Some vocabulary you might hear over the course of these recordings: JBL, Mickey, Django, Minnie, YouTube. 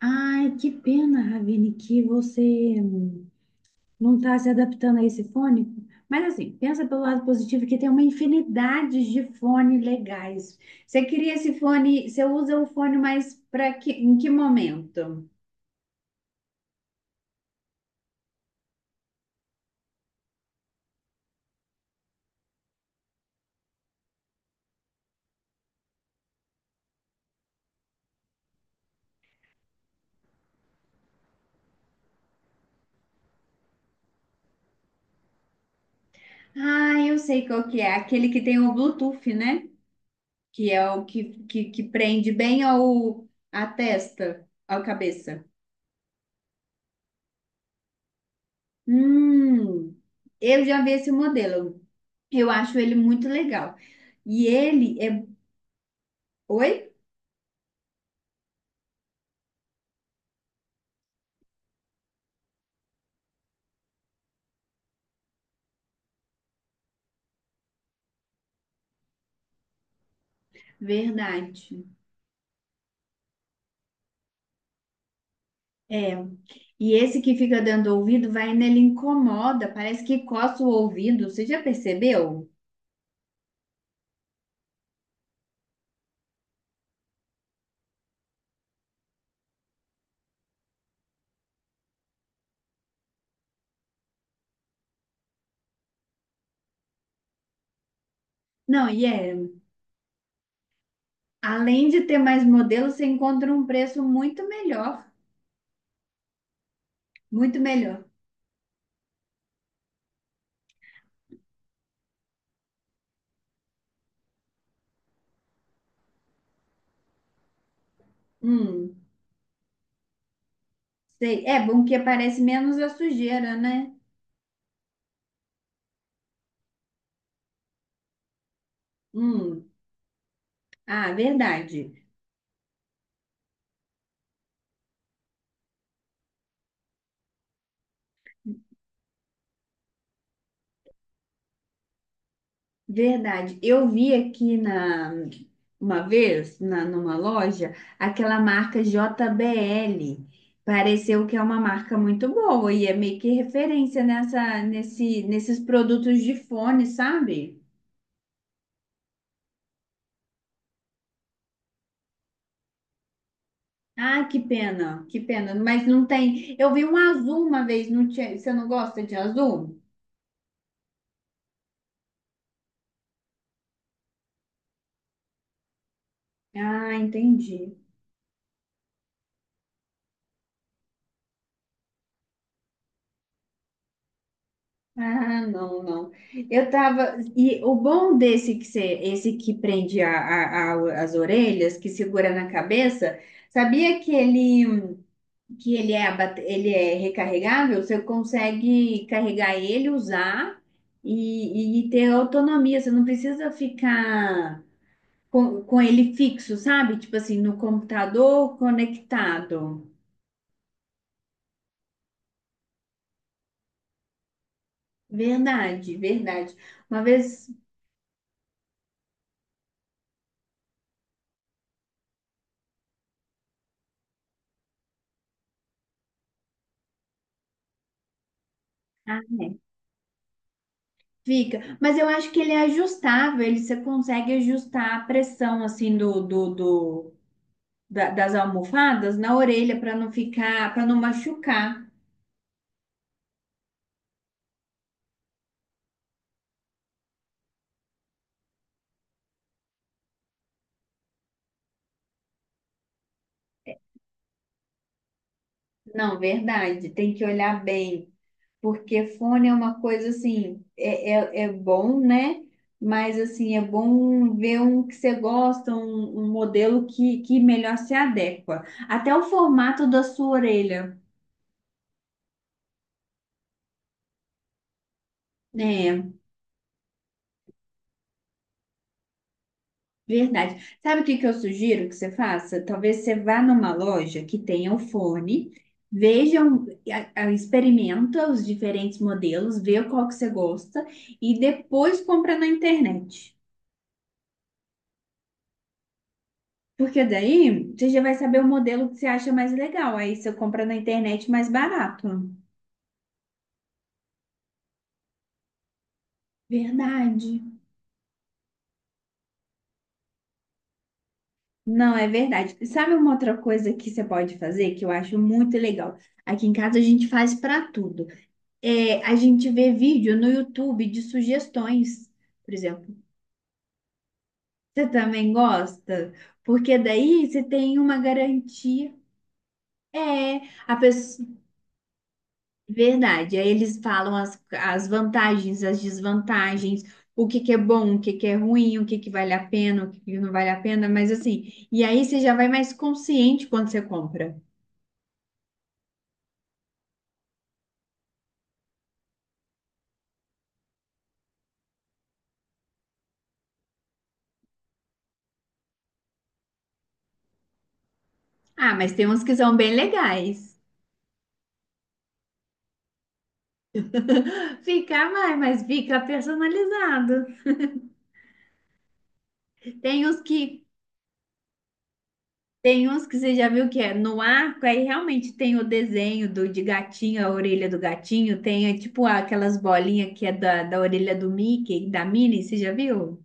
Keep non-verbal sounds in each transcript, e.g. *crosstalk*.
Ai, que pena, Ravine, que você não está se adaptando a esse fone. Mas assim, pensa pelo lado positivo que tem uma infinidade de fone legais. Você queria esse fone, você usa o fone mais para que, em que momento? Ah, eu sei qual que é, aquele que tem o Bluetooth, né? Que é o que, que prende bem ao, à testa, à cabeça. Hum, eu já vi esse modelo. Eu acho ele muito legal. E ele é. Oi? Verdade. É. E esse que fica dando ouvido vai nele incomoda, parece que coça o ouvido. Você já percebeu? Não, e é. Além de ter mais modelos, você encontra um preço muito melhor. Muito melhor. Hum, sei. É bom que aparece menos a sujeira, né? Hum, ah, verdade. Verdade. Eu vi aqui na uma vez na, numa loja aquela marca JBL. Pareceu que é uma marca muito boa e é meio que referência nessa nesses produtos de fone, sabe? Ah, que pena, que pena. Mas não tem. Eu vi um azul uma vez, não tinha. Você não gosta de azul? Ah, entendi. Ah, não, não. Eu tava. E o bom desse que você, esse que prende a, as orelhas, que segura na cabeça, sabia que ele é, ele é recarregável? Você consegue carregar ele, usar e ter autonomia. Você não precisa ficar com ele fixo, sabe? Tipo assim, no computador conectado. Verdade, verdade. Uma vez. Fica, mas eu acho que ele é ajustável, ele você consegue ajustar a pressão assim do, da- das almofadas na orelha para não ficar, para não machucar. Não, verdade, tem que olhar bem, porque fone é uma coisa assim, é bom, né? Mas assim, é bom ver um que você gosta, um modelo que melhor se adequa. Até o formato da sua orelha. Né? Verdade. Sabe o que que eu sugiro que você faça? Talvez você vá numa loja que tenha o fone, veja, experimenta os diferentes modelos, vê qual que você gosta e depois compra na internet. Porque daí você já vai saber o modelo que você acha mais legal. Aí você compra na internet mais barato. Verdade. Não, é verdade. Sabe uma outra coisa que você pode fazer que eu acho muito legal? Aqui em casa a gente faz para tudo. É, a gente vê vídeo no YouTube de sugestões, por exemplo. Você também gosta? Porque daí você tem uma garantia. É, a pessoa... Verdade, aí eles falam as, as vantagens, as desvantagens, o que que é bom, o que que é ruim, o que que vale a pena, o que que não vale a pena, mas assim, e aí você já vai mais consciente quando você compra. Ah, mas tem uns que são bem legais. *laughs* Fica, vai, mas fica personalizado. Tem os que tem uns que você já viu que é no arco, aí realmente tem o desenho do de gatinho, a orelha do gatinho, tem é, tipo aquelas bolinhas que é da, da orelha do Mickey, da Minnie, você já viu?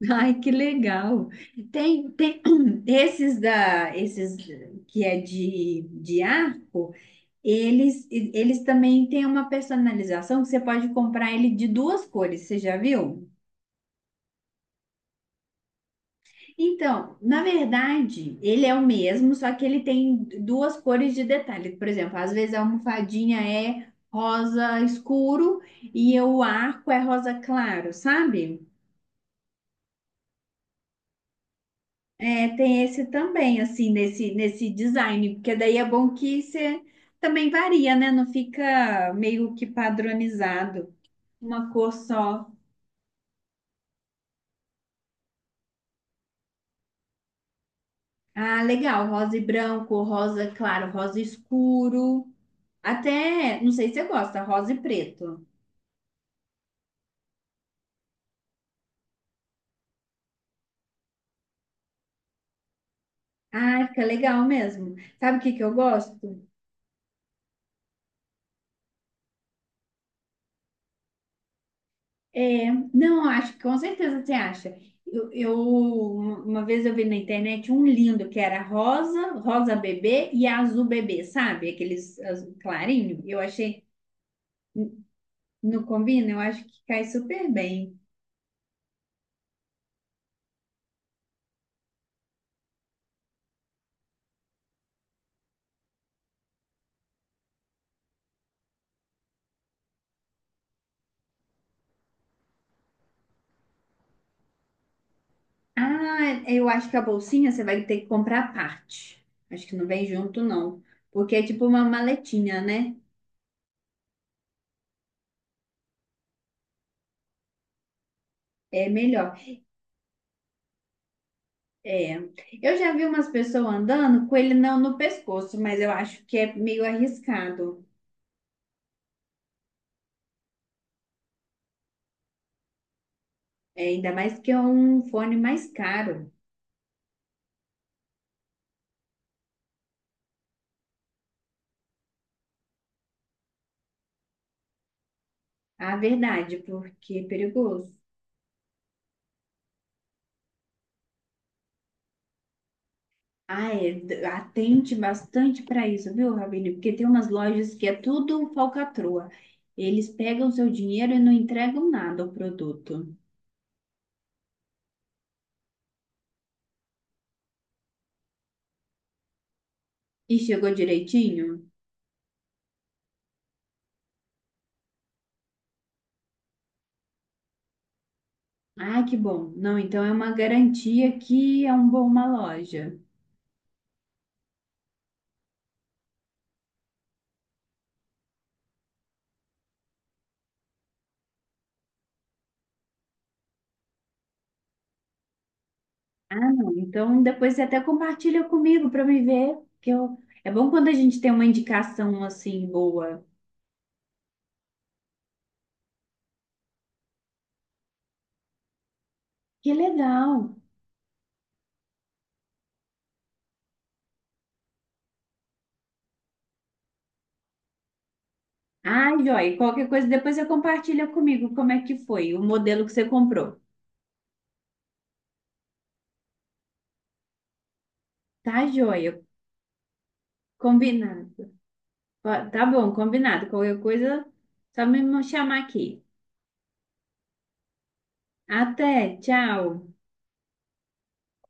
*laughs* Ai, que legal. Tem, tem *clears throat* esses da esses que é de arco, eles também têm uma personalização que você pode comprar ele de duas cores, você já viu? Então, na verdade, ele é o mesmo, só que ele tem duas cores de detalhe. Por exemplo, às vezes a almofadinha é rosa escuro e o arco é rosa claro, sabe? É, tem esse também, assim, nesse, nesse design, porque daí é bom que você também varia, né? Não fica meio que padronizado, uma cor só. Ah, legal, rosa e branco, rosa claro, rosa escuro. Até, não sei se você gosta, rosa e preto. Ai, fica legal mesmo. Sabe o que que eu gosto? É, não, eu acho que com certeza você acha. Eu, uma vez eu vi na internet um lindo que era rosa, rosa bebê e azul bebê, sabe? Aqueles azul clarinho. Eu achei, não combina? Eu acho que cai super bem. Ah, eu acho que a bolsinha você vai ter que comprar à parte. Acho que não vem junto, não. Porque é tipo uma maletinha, né? É melhor. É, eu já vi umas pessoas andando com ele não no pescoço, mas eu acho que é meio arriscado. É, ainda mais que é um fone mais caro. A verdade, porque é perigoso. Ah, é, atente bastante para isso, viu, Rabine? Porque tem umas lojas que é tudo falcatrua. Eles pegam seu dinheiro e não entregam nada ao produto. E chegou direitinho? Ah, que bom. Não, então é uma garantia que é um bom uma loja. Ah, não. Então depois você até compartilha comigo para me ver, que eu... é bom quando a gente tem uma indicação assim boa. Que legal. Ah, joia. Qualquer coisa depois você compartilha comigo como é que foi o modelo que você comprou. Tá, joia. Combinado. Ó, tá bom, combinado. Qualquer coisa, só me chamar aqui. Até, tchau.